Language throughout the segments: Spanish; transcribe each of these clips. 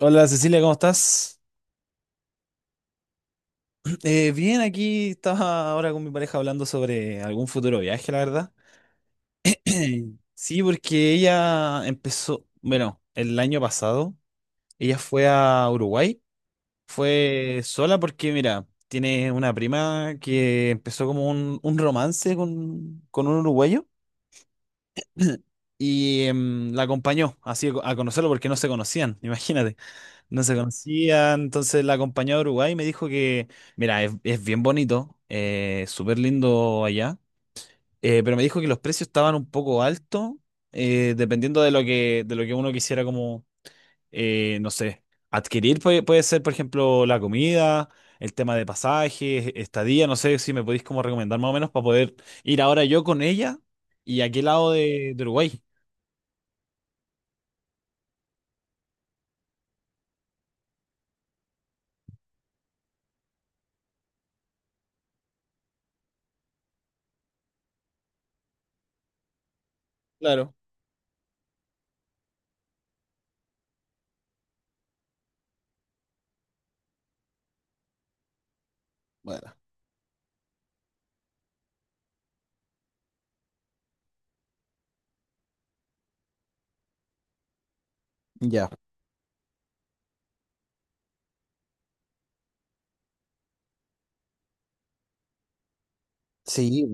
Hola Cecilia, ¿cómo estás? Bien, aquí estaba ahora con mi pareja hablando sobre algún futuro viaje, la verdad. Sí, porque ella empezó, bueno, el año pasado, ella fue a Uruguay, fue sola porque, mira, tiene una prima que empezó como un romance con un uruguayo y la acompañó así a conocerlo porque no se conocían, imagínate. No se conocían, entonces la acompañé a Uruguay y me dijo que, mira, es bien bonito, súper lindo allá, pero me dijo que los precios estaban un poco altos, dependiendo de de lo que uno quisiera como, no sé, adquirir. Puede ser, por ejemplo, la comida, el tema de pasajes, estadía, no sé si me podéis como recomendar más o menos para poder ir ahora yo con ella y a qué lado de Uruguay. Claro. Bueno, ya. Sí.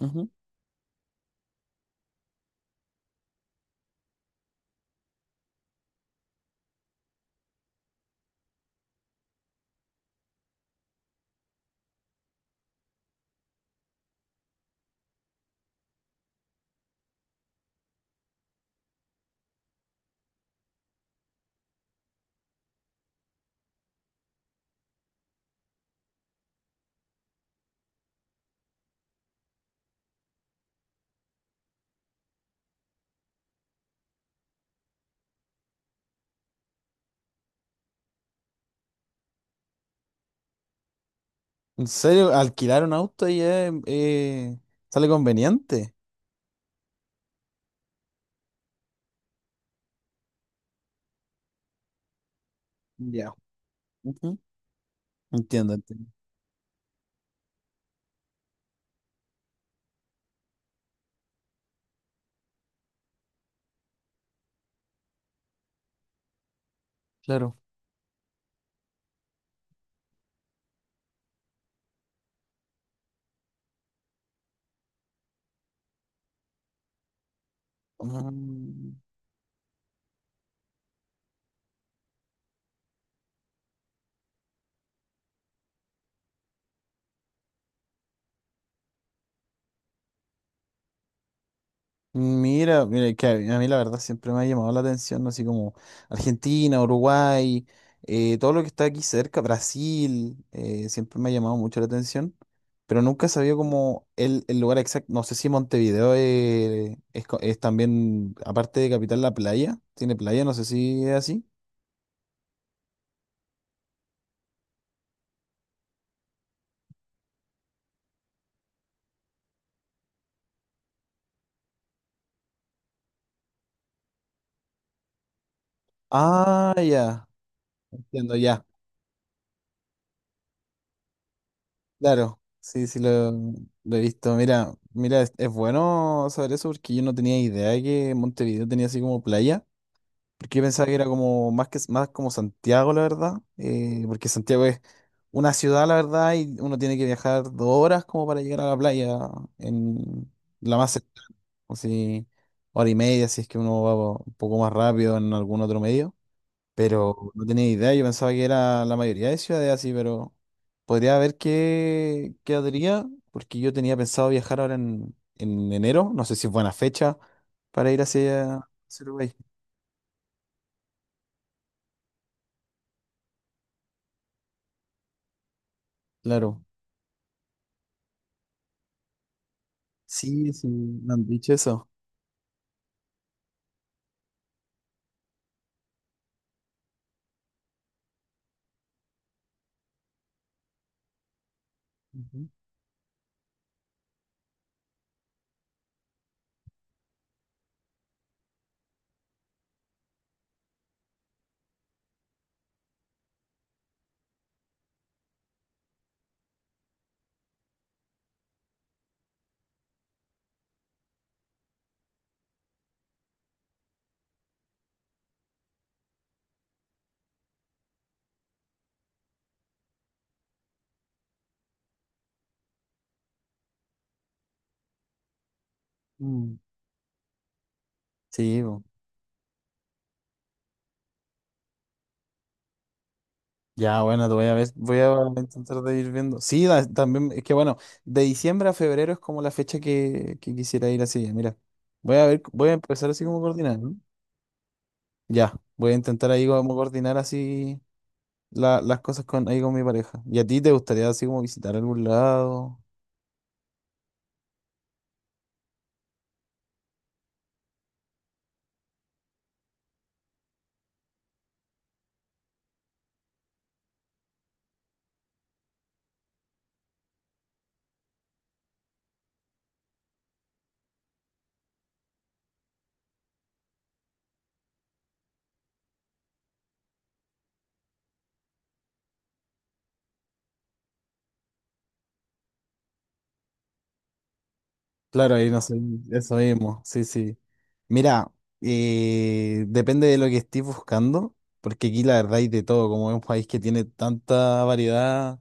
Ujú. ¿En serio? Alquilar un auto y es, sale conveniente. Ya. Ujú. Entiendo, entiendo. Claro. Mm, mira, mira, que a mí la verdad siempre me ha llamado la atención, así como Argentina, Uruguay, todo lo que está aquí cerca, Brasil, siempre me ha llamado mucho la atención, pero nunca sabía como el lugar exacto. No sé si Montevideo es, es también, aparte de capital, la playa, tiene playa, no sé si es así. Ah, ya. Entiendo ya, claro, sí, sí lo he visto. Mira, mira, es bueno saber eso porque yo no tenía idea de que Montevideo tenía así como playa, porque yo pensaba que era como más que más como Santiago, la verdad, porque Santiago es una ciudad, la verdad, y uno tiene que viajar 2 horas como para llegar a la playa en la más cercana, o si 1 hora y media, si es que uno va un poco más rápido en algún otro medio. Pero no tenía idea, yo pensaba que era la mayoría de ciudades así, pero podría ver qué quedaría, porque yo tenía pensado viajar ahora en enero, no sé si es buena fecha para ir hacia, hacia Uruguay. Claro. Sí, sí, me han dicho eso. Ujú. Mm. Sí, bo. Ya, bueno, te voy a ver, voy a intentar de ir viendo. Sí, también, es que bueno, de diciembre a febrero es como la fecha que quisiera ir así, mira. Voy a ver, voy a empezar así como coordinar. Ya, voy a intentar ahí como coordinar así las cosas con, ahí con mi pareja. ¿Y a ti te gustaría así como visitar algún lado? Claro, ahí no sé, eso mismo, sí, sí. Mira, depende de lo que estés buscando, porque aquí la verdad hay de todo, como es un país que tiene tanta variedad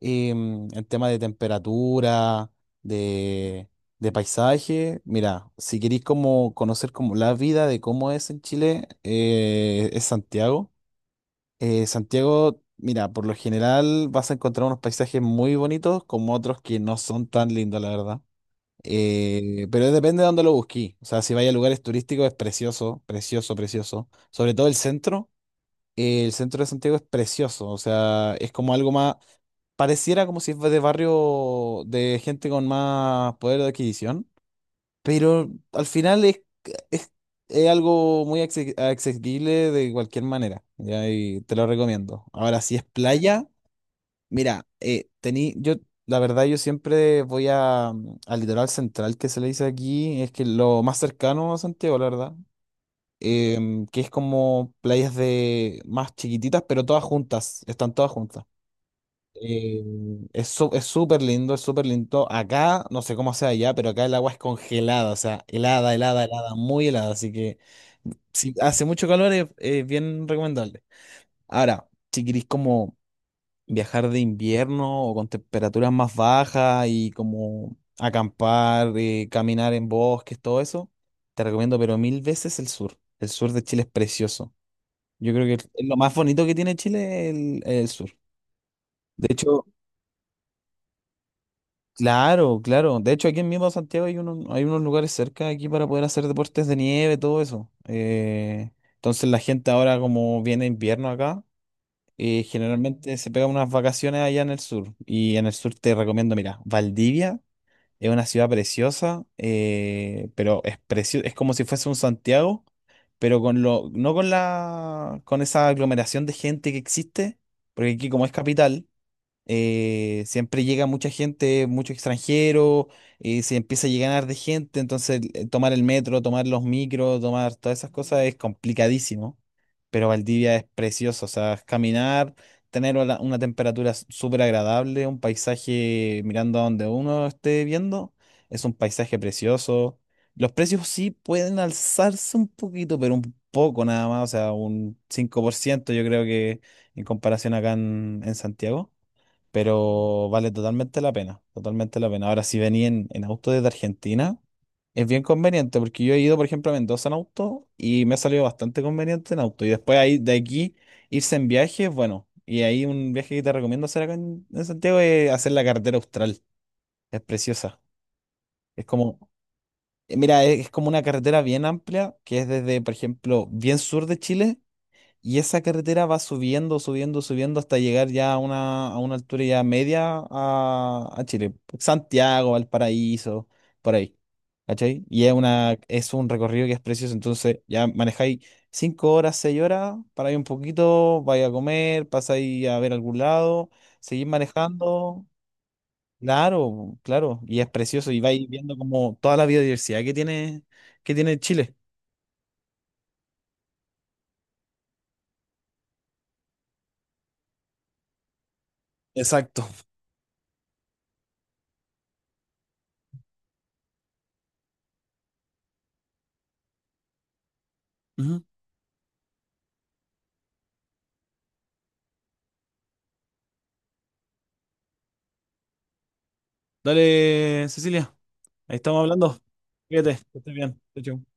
en tema de temperatura, de, de paisaje. Mira, si queréis como conocer como la vida de cómo es en Chile, es Santiago. Santiago, mira, por lo general vas a encontrar unos paisajes muy bonitos como otros que no son tan lindos, la verdad. Pero depende de dónde lo busquís. O sea, si vais a lugares turísticos es precioso, precioso, precioso. Sobre todo el centro. El centro de Santiago es precioso. O sea, es como algo más... Pareciera como si fuese de barrio de gente con más poder de adquisición. Pero al final es, es algo muy accesible de cualquier manera, ¿ya? Y te lo recomiendo. Ahora, si es playa, mira, tení, yo, la verdad, yo siempre voy a, al litoral central que se le dice aquí, es que lo más cercano a Santiago, la verdad, que es como playas de más chiquititas, pero todas juntas, están todas juntas. Eh, es es súper lindo, es súper lindo. Acá, no sé cómo sea allá, pero acá el agua es congelada, o sea, helada, helada, helada, muy helada. Así que si hace mucho calor es bien recomendable. Ahora, si queréis como viajar de invierno o con temperaturas más bajas y como acampar, caminar en bosques, todo eso, te recomiendo, pero mil veces el sur. El sur de Chile es precioso. Yo creo que es lo más bonito que tiene Chile el sur. De hecho, claro, claro. De hecho, aquí en mismo Santiago hay unos lugares cerca aquí para poder hacer deportes de nieve, todo eso. Entonces la gente ahora como viene invierno acá, generalmente se pega unas vacaciones allá en el sur. Y en el sur te recomiendo, mira, Valdivia es una ciudad preciosa, pero es es como si fuese un Santiago, pero con lo, no con la, con esa aglomeración de gente que existe, porque aquí como es capital siempre llega mucha gente, mucho extranjero, y se empieza a llegar de gente, entonces tomar el metro, tomar los micros, tomar todas esas cosas es complicadísimo, pero Valdivia es precioso, o sea, caminar, tener una temperatura súper agradable, un paisaje mirando a donde uno esté viendo, es un paisaje precioso. Los precios sí pueden alzarse un poquito, pero un poco nada más, o sea, un 5% yo creo que en comparación acá en Santiago, pero vale totalmente la pena, totalmente la pena. Ahora, si venía en auto desde Argentina, es bien conveniente, porque yo he ido, por ejemplo, a Mendoza en auto y me ha salido bastante conveniente en auto. Y después ahí, de aquí, irse en viaje es bueno. Y ahí un viaje que te recomiendo hacer acá en Santiago es hacer la carretera Austral. Es preciosa. Es como, mira, es como una carretera bien amplia, que es desde, por ejemplo, bien sur de Chile y esa carretera va subiendo, subiendo, subiendo hasta llegar ya a una altura ya media a Chile. Santiago, Valparaíso, por ahí. ¿Cachai? Y es un recorrido que es precioso. Entonces ya manejáis 5 horas, 6 horas, paráis un poquito, vais a comer, pasáis a ver algún lado, seguís manejando. Claro, claro. Y es precioso. Y vais viendo como toda la biodiversidad que tiene Chile. Exacto. Ujú. Dale, Cecilia. Ahí estamos hablando. Fíjate, que estés bien. Chau, chau.